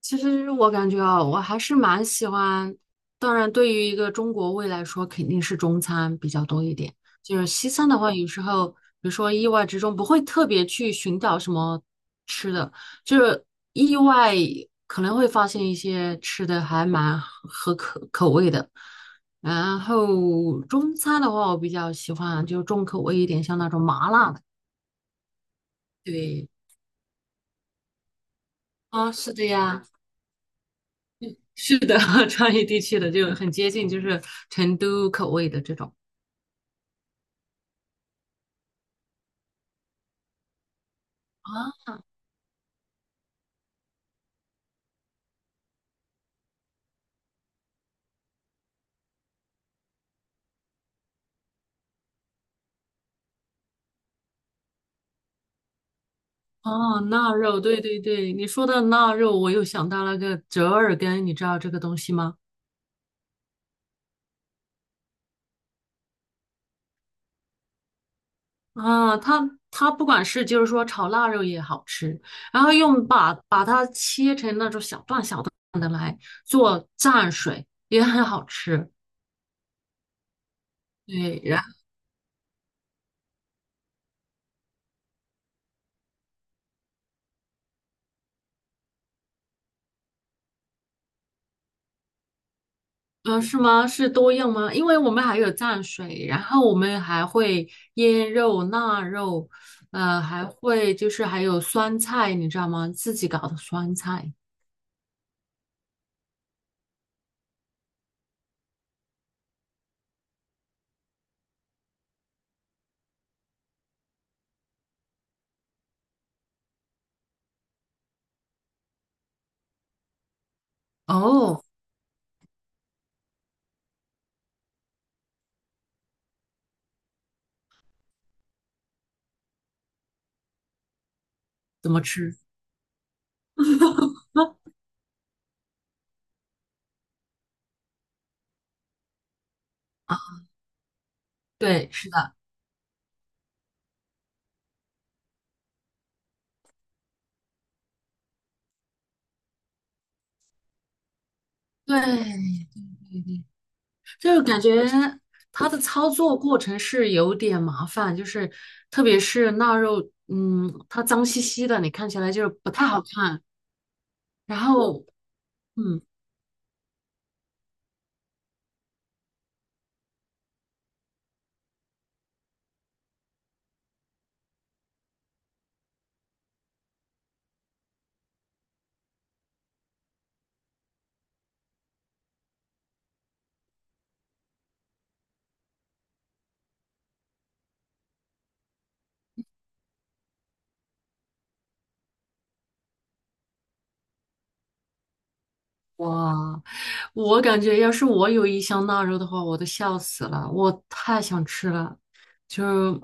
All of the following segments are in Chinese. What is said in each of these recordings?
其实我感觉啊，我还是蛮喜欢。当然，对于一个中国胃来说，肯定是中餐比较多一点。就是西餐的话，有时候，比如说意外之中，不会特别去寻找什么吃的，就是意外可能会发现一些吃的还蛮合口口味的。然后中餐的话，我比较喜欢就重口味一点，像那种麻辣的。对，啊，是的呀。是的，川渝地区的就很接近，就是成都口味的这种。啊，哦，腊肉，对对对，你说的腊肉，我又想到了个折耳根，你知道这个东西吗？啊，它不管是就是说炒腊肉也好吃，然后用把它切成那种小段小段的来做蘸水也很好吃。对。嗯，是吗？是多样吗？因为我们还有蘸水，然后我们还会腌肉、腊肉，还会就是还有酸菜，你知道吗？自己搞的酸菜。哦，怎么吃？啊，对，是的。对，就是感觉它的操作过程是有点麻烦，就是特别是腊肉，它脏兮兮的，你看起来就是不太好看。然后，嗯，哇，我感觉要是我有一箱腊肉的话，我都笑死了，我太想吃了。就是，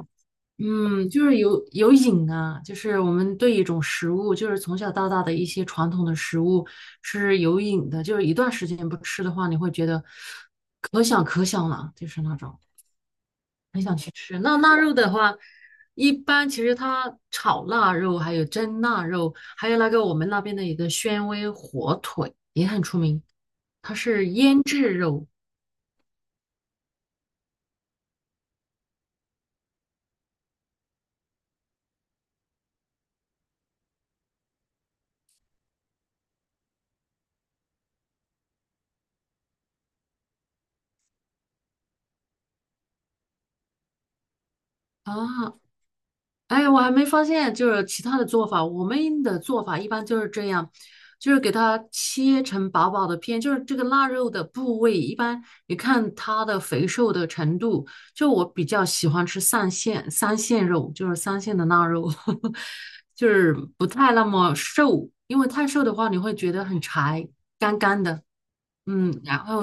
就是有瘾啊，就是我们对一种食物，就是从小到大的一些传统的食物是有瘾的，就是一段时间不吃的话，你会觉得可想可想了，就是那种。很想去吃。那腊肉的话，一般其实它炒腊肉，还有蒸腊肉，还有那个我们那边的一个宣威火腿也很出名，它是腌制肉啊。哎，我还没发现，就是其他的做法。我们的做法一般就是这样，就是给它切成薄薄的片，就是这个腊肉的部位，一般你看它的肥瘦的程度。就我比较喜欢吃三线肉，就是三线的腊肉，就是不太那么瘦，因为太瘦的话你会觉得很柴，干干的。嗯，然后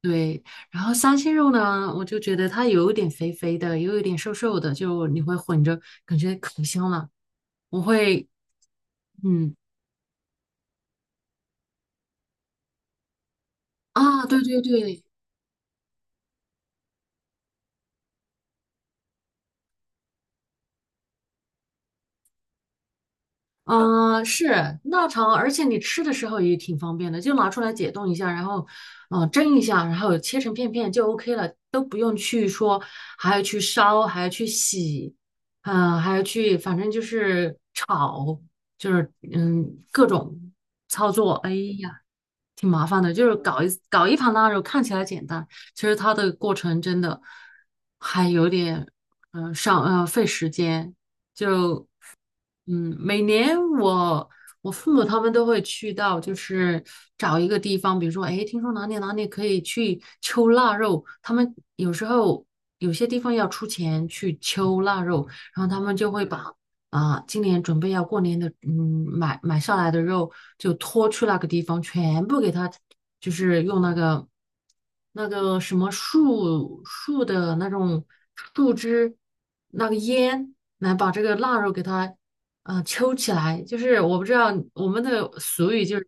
对，然后三鲜肉呢，我就觉得它有一点肥肥的，又有一点瘦瘦的，就你会混着，感觉可香了。我会，嗯，啊，对对对，嗯，是腊肠，而且你吃的时候也挺方便的，就拿出来解冻一下，然后，蒸一下，然后切成片片就 OK 了，都不用去说还要去烧，还要去洗，还要去，反正就是炒，就是各种操作，哎呀，挺麻烦的。就是搞一盘腊肉，看起来简单，其实它的过程真的还有点，费时间，就。嗯，每年我父母他们都会去到，就是找一个地方，比如说，哎，听说哪里哪里可以去秋腊肉，他们有时候有些地方要出钱去秋腊肉，然后他们就会把啊，今年准备要过年的，买下来的肉就拖去那个地方，全部给它，就是用那个什么树的那种树枝，那个烟来把这个腊肉给它，抽起来。就是我不知道我们的俗语就是。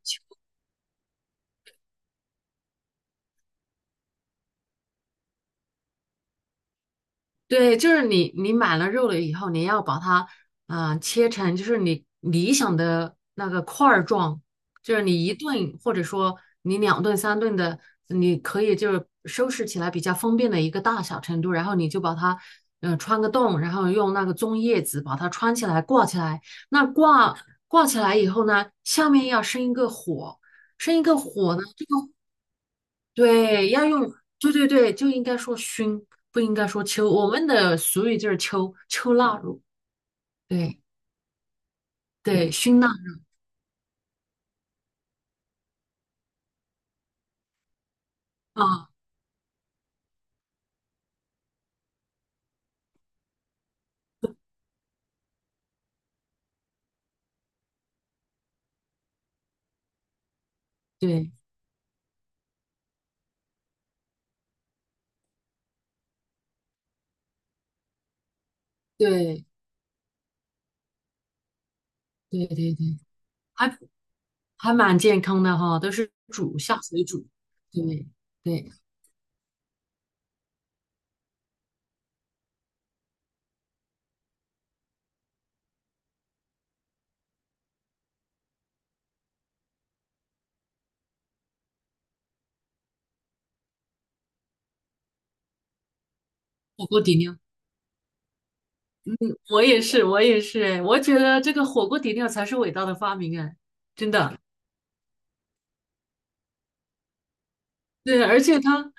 对，就是你买了肉了以后，你要把它切成就是你理想的那个块儿状，就是你一顿或者说你两顿三顿的，你可以就是收拾起来比较方便的一个大小程度，然后你就把它穿个洞，然后用那个棕叶子把它穿起来挂起来。那挂起来以后呢，下面要生一个火，生一个火呢。对，要用，对对对，就应该说熏，不应该说秋。我们的俗语就是秋，秋腊肉。对对，熏腊肉啊，对对对对对，还还蛮健康的哈，都是煮下水煮。对对，火锅底料，我也是，我也是，哎，我觉得这个火锅底料才是伟大的发明，哎，真的。对，而且它，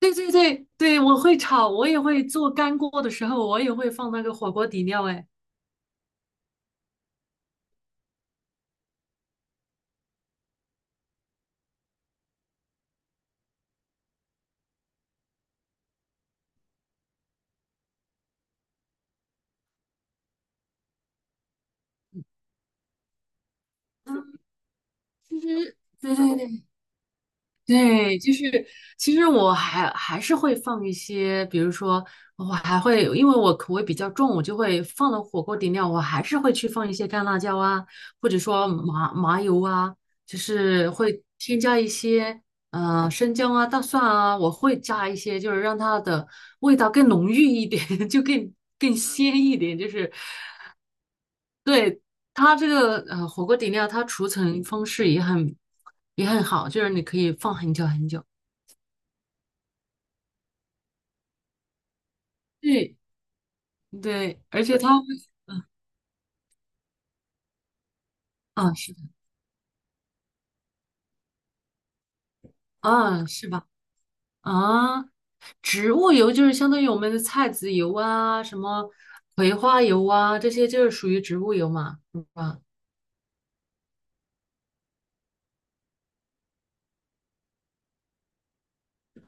对对对对，我会炒，我也会做干锅的时候，我也会放那个火锅底料，哎。其实，对对对，对，就是其实我还是会放一些，比如说我还会，因为我口味比较重，我就会放了火锅底料，我还是会去放一些干辣椒啊，或者说麻油啊，就是会添加一些生姜啊、大蒜啊，我会加一些，就是让它的味道更浓郁一点，就更鲜一点，就是对。它这个火锅底料，它储存方式也很好，就是你可以放很久很久。对对，而且它会，嗯啊，是的，啊，是吧？啊，植物油就是相当于我们的菜籽油啊，什么葵花油啊，这些就是属于植物油嘛，是吧？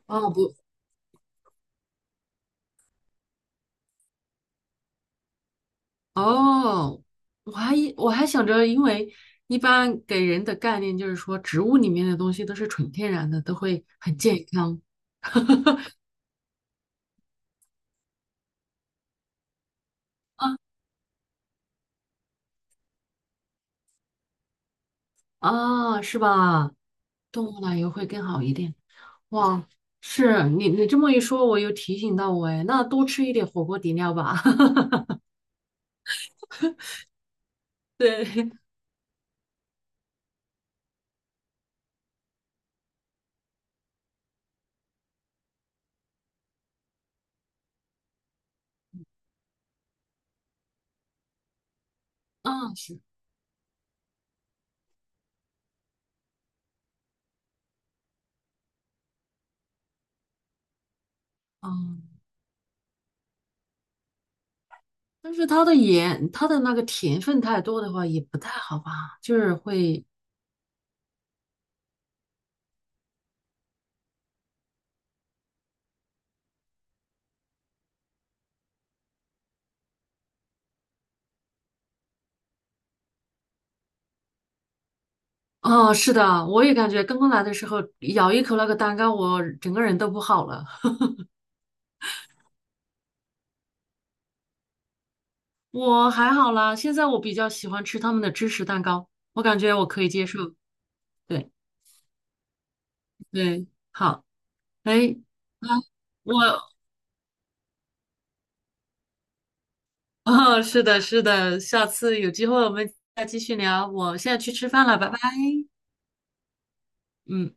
哦不，哦，我还想着，因为一般给人的概念就是说，植物里面的东西都是纯天然的，都会很健康啊啊，是吧？动物奶油会更好一点。哇，是你这么一说，我又提醒到我哎，那多吃一点火锅底料吧。对，嗯是，嗯，但是它的盐，它的那个甜分太多的话也不太好吧，就是会，啊，是的，我也感觉刚刚来的时候咬一口那个蛋糕，我整个人都不好了。我还好啦，现在我比较喜欢吃他们的芝士蛋糕，我感觉我可以接受。对对，好，哎，啊，我 哦，是的，是的，下次有机会我们再继续聊。我现在去吃饭了，拜拜。嗯。